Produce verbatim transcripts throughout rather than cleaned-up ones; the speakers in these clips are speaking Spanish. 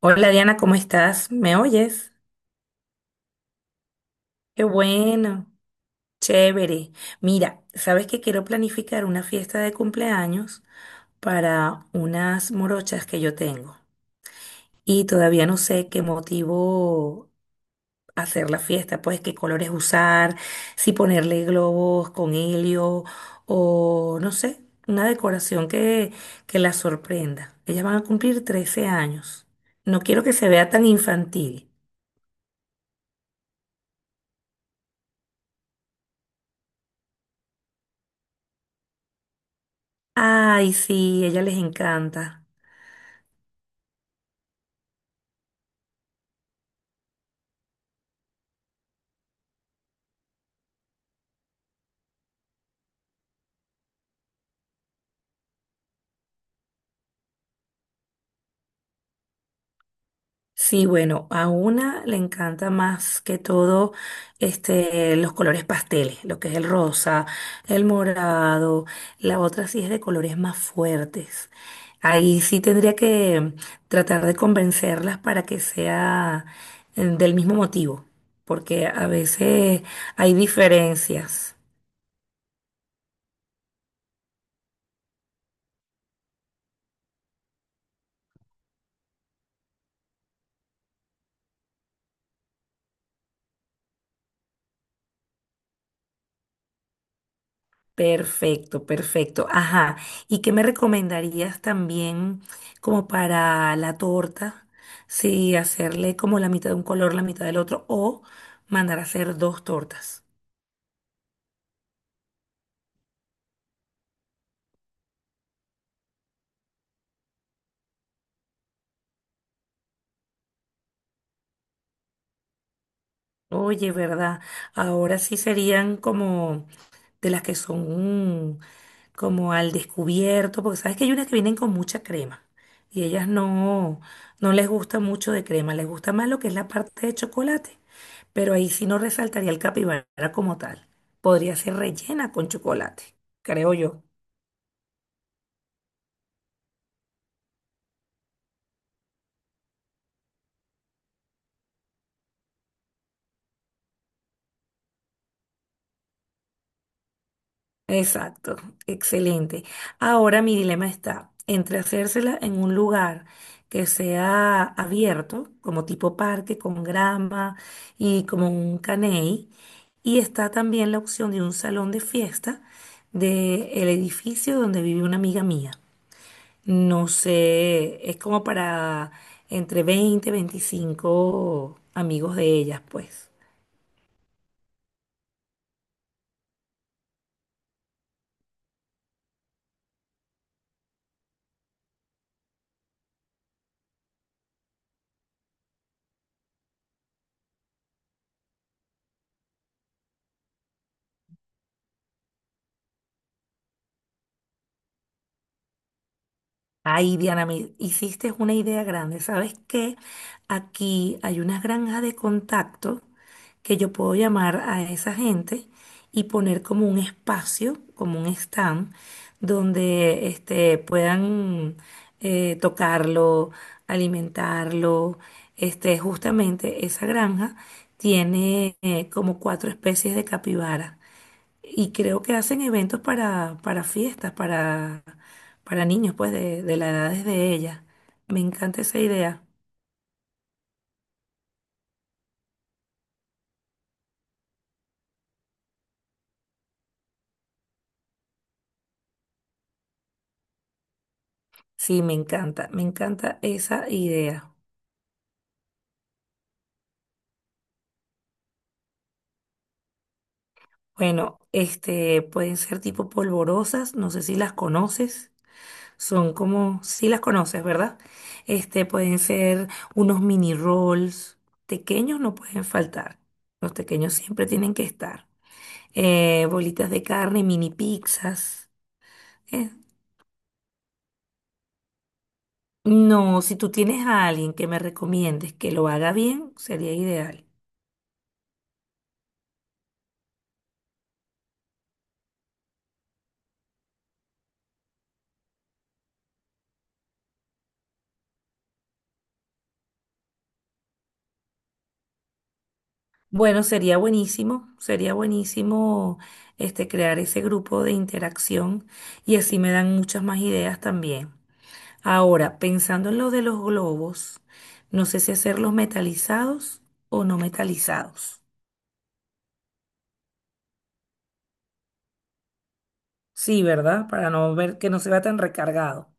Hola Diana, ¿cómo estás? ¿Me oyes? Qué bueno, chévere. Mira, sabes que quiero planificar una fiesta de cumpleaños para unas morochas que yo tengo y todavía no sé qué motivo hacer la fiesta, pues qué colores usar, si ponerle globos con helio o no sé, una decoración que, que las sorprenda. Ellas van a cumplir trece años. No quiero que se vea tan infantil. Ay, sí, ella les encanta. Sí, bueno, a una le encanta más que todo este, los colores pasteles, lo que es el rosa, el morado. La otra sí es de colores más fuertes. Ahí sí tendría que tratar de convencerlas para que sea eh, del mismo motivo, porque a veces hay diferencias. Perfecto, perfecto. Ajá. ¿Y qué me recomendarías también como para la torta? Si hacerle como la mitad de un color, la mitad del otro, o mandar a hacer dos tortas. Oye, ¿verdad? Ahora sí serían como de las que son mm, como al descubierto, porque sabes que hay unas que vienen con mucha crema y ellas no, no les gusta mucho de crema, les gusta más lo que es la parte de chocolate, pero ahí sí no resaltaría el capibara como tal. Podría ser rellena con chocolate, creo yo. Exacto, excelente. Ahora mi dilema está entre hacérsela en un lugar que sea abierto, como tipo parque, con grama y como un caney, y está también la opción de un salón de fiesta del edificio donde vive una amiga mía. No sé, es como para entre veinte, veinticinco amigos de ellas, pues. Ay, Diana, me hiciste una idea grande. ¿Sabes qué? Aquí hay unas granjas de contacto que yo puedo llamar a esa gente y poner como un espacio, como un stand, donde este, puedan eh, tocarlo, alimentarlo. Este, justamente esa granja tiene eh, como cuatro especies de capibara. Y creo que hacen eventos para, para fiestas, para, para niños, pues, de, de la edad de ella. Me encanta esa idea. Sí, me encanta, me encanta esa idea. Bueno, este, pueden ser tipo polvorosas, no sé si las conoces. Son como, sí las conoces, ¿verdad? Este, pueden ser unos mini rolls. Pequeños no pueden faltar. Los pequeños siempre tienen que estar. Eh, bolitas de carne, mini pizzas. Eh, No, si tú tienes a alguien que me recomiendes que lo haga bien, sería ideal. Bueno, sería buenísimo, sería buenísimo este crear ese grupo de interacción y así me dan muchas más ideas también. Ahora, pensando en lo de los globos, no sé si hacerlos metalizados o no metalizados. Sí, ¿verdad? Para no ver que no se vea tan recargado.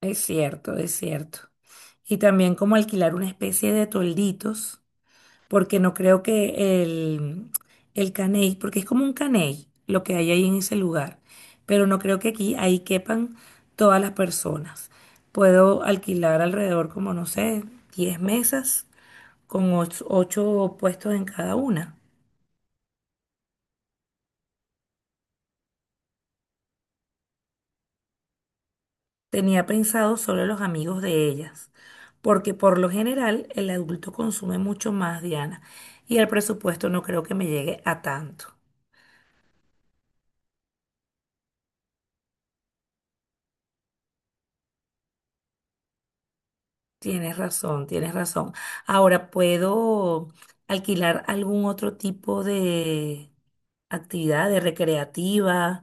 Es cierto, es cierto. Y también como alquilar una especie de tolditos porque no creo que el, el caney, porque es como un caney lo que hay ahí en ese lugar, pero no creo que aquí ahí quepan todas las personas. Puedo alquilar alrededor como, no sé, diez mesas con ocho ocho puestos en cada una. Tenía pensado solo los amigos de ellas, porque por lo general el adulto consume mucho más, Diana, y el presupuesto no creo que me llegue a tanto. Tienes razón, tienes razón. Ahora, ¿puedo alquilar algún otro tipo de actividad, de recreativa?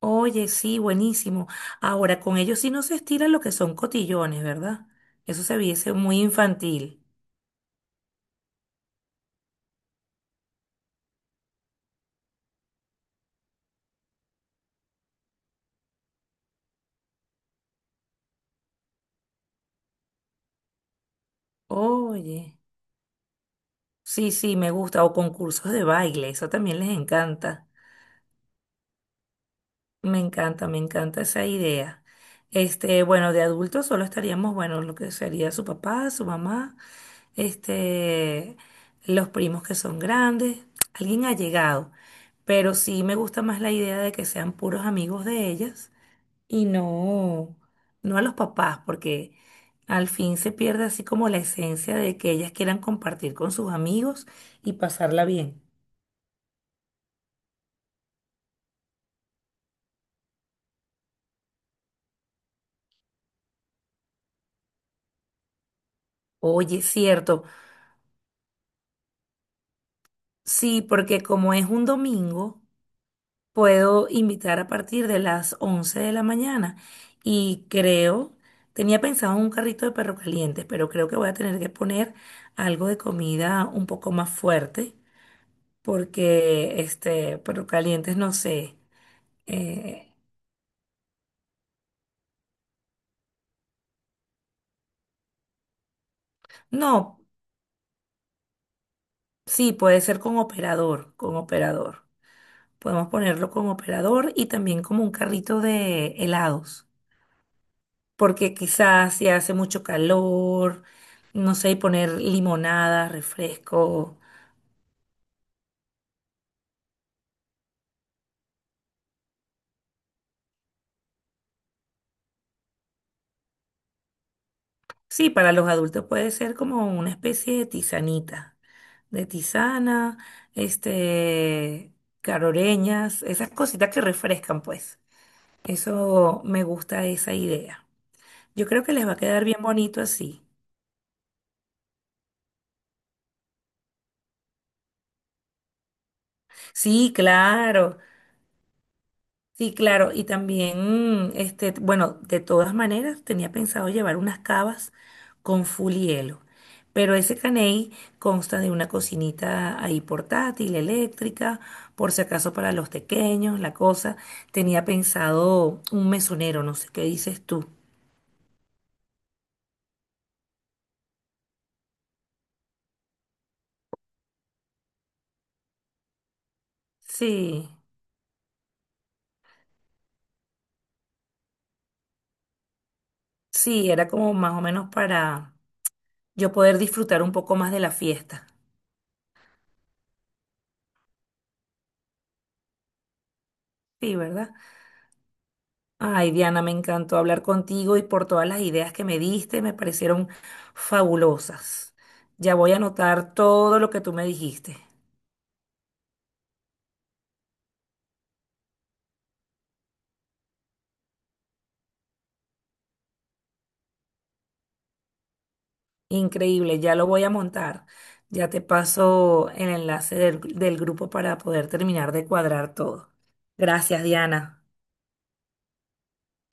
Oye, sí, buenísimo. Ahora, con ellos sí no se estira lo que son cotillones, ¿verdad? Eso se viese muy infantil. Oye, sí, sí, me gusta. O concursos de baile, eso también les encanta. Me encanta, me encanta esa idea. Este, bueno, de adultos solo estaríamos, bueno, lo que sería su papá, su mamá, este, los primos que son grandes, alguien ha llegado, pero sí me gusta más la idea de que sean puros amigos de ellas y no, no a los papás, porque al fin se pierde así como la esencia de que ellas quieran compartir con sus amigos y pasarla bien. Oye, cierto, sí, porque como es un domingo, puedo invitar a partir de las once de la mañana. Y creo, tenía pensado un carrito de perro caliente, pero creo que voy a tener que poner algo de comida un poco más fuerte, porque este perro calientes, no sé. eh, no, sí, puede ser con operador, con operador. Podemos ponerlo con operador y también como un carrito de helados, porque quizás si hace mucho calor, no sé, y poner limonada, refresco. Sí, para los adultos puede ser como una especie de tisanita, de tisana, este, caroreñas, esas cositas que refrescan, pues. Eso me gusta esa idea. Yo creo que les va a quedar bien bonito así. Sí, claro. Sí, claro, y también, este, bueno, de todas maneras tenía pensado llevar unas cavas con full hielo, pero ese caney consta de una cocinita ahí portátil, eléctrica, por si acaso para los pequeños, la cosa. Tenía pensado un mesonero, no sé qué dices tú. Sí, sí, era como más o menos para yo poder disfrutar un poco más de la fiesta. Sí, ¿verdad? Ay, Diana, me encantó hablar contigo y por todas las ideas que me diste, me parecieron fabulosas. Ya voy a anotar todo lo que tú me dijiste. Increíble, ya lo voy a montar. Ya te paso el enlace del, del grupo para poder terminar de cuadrar todo. Gracias, Diana. ¡Chao!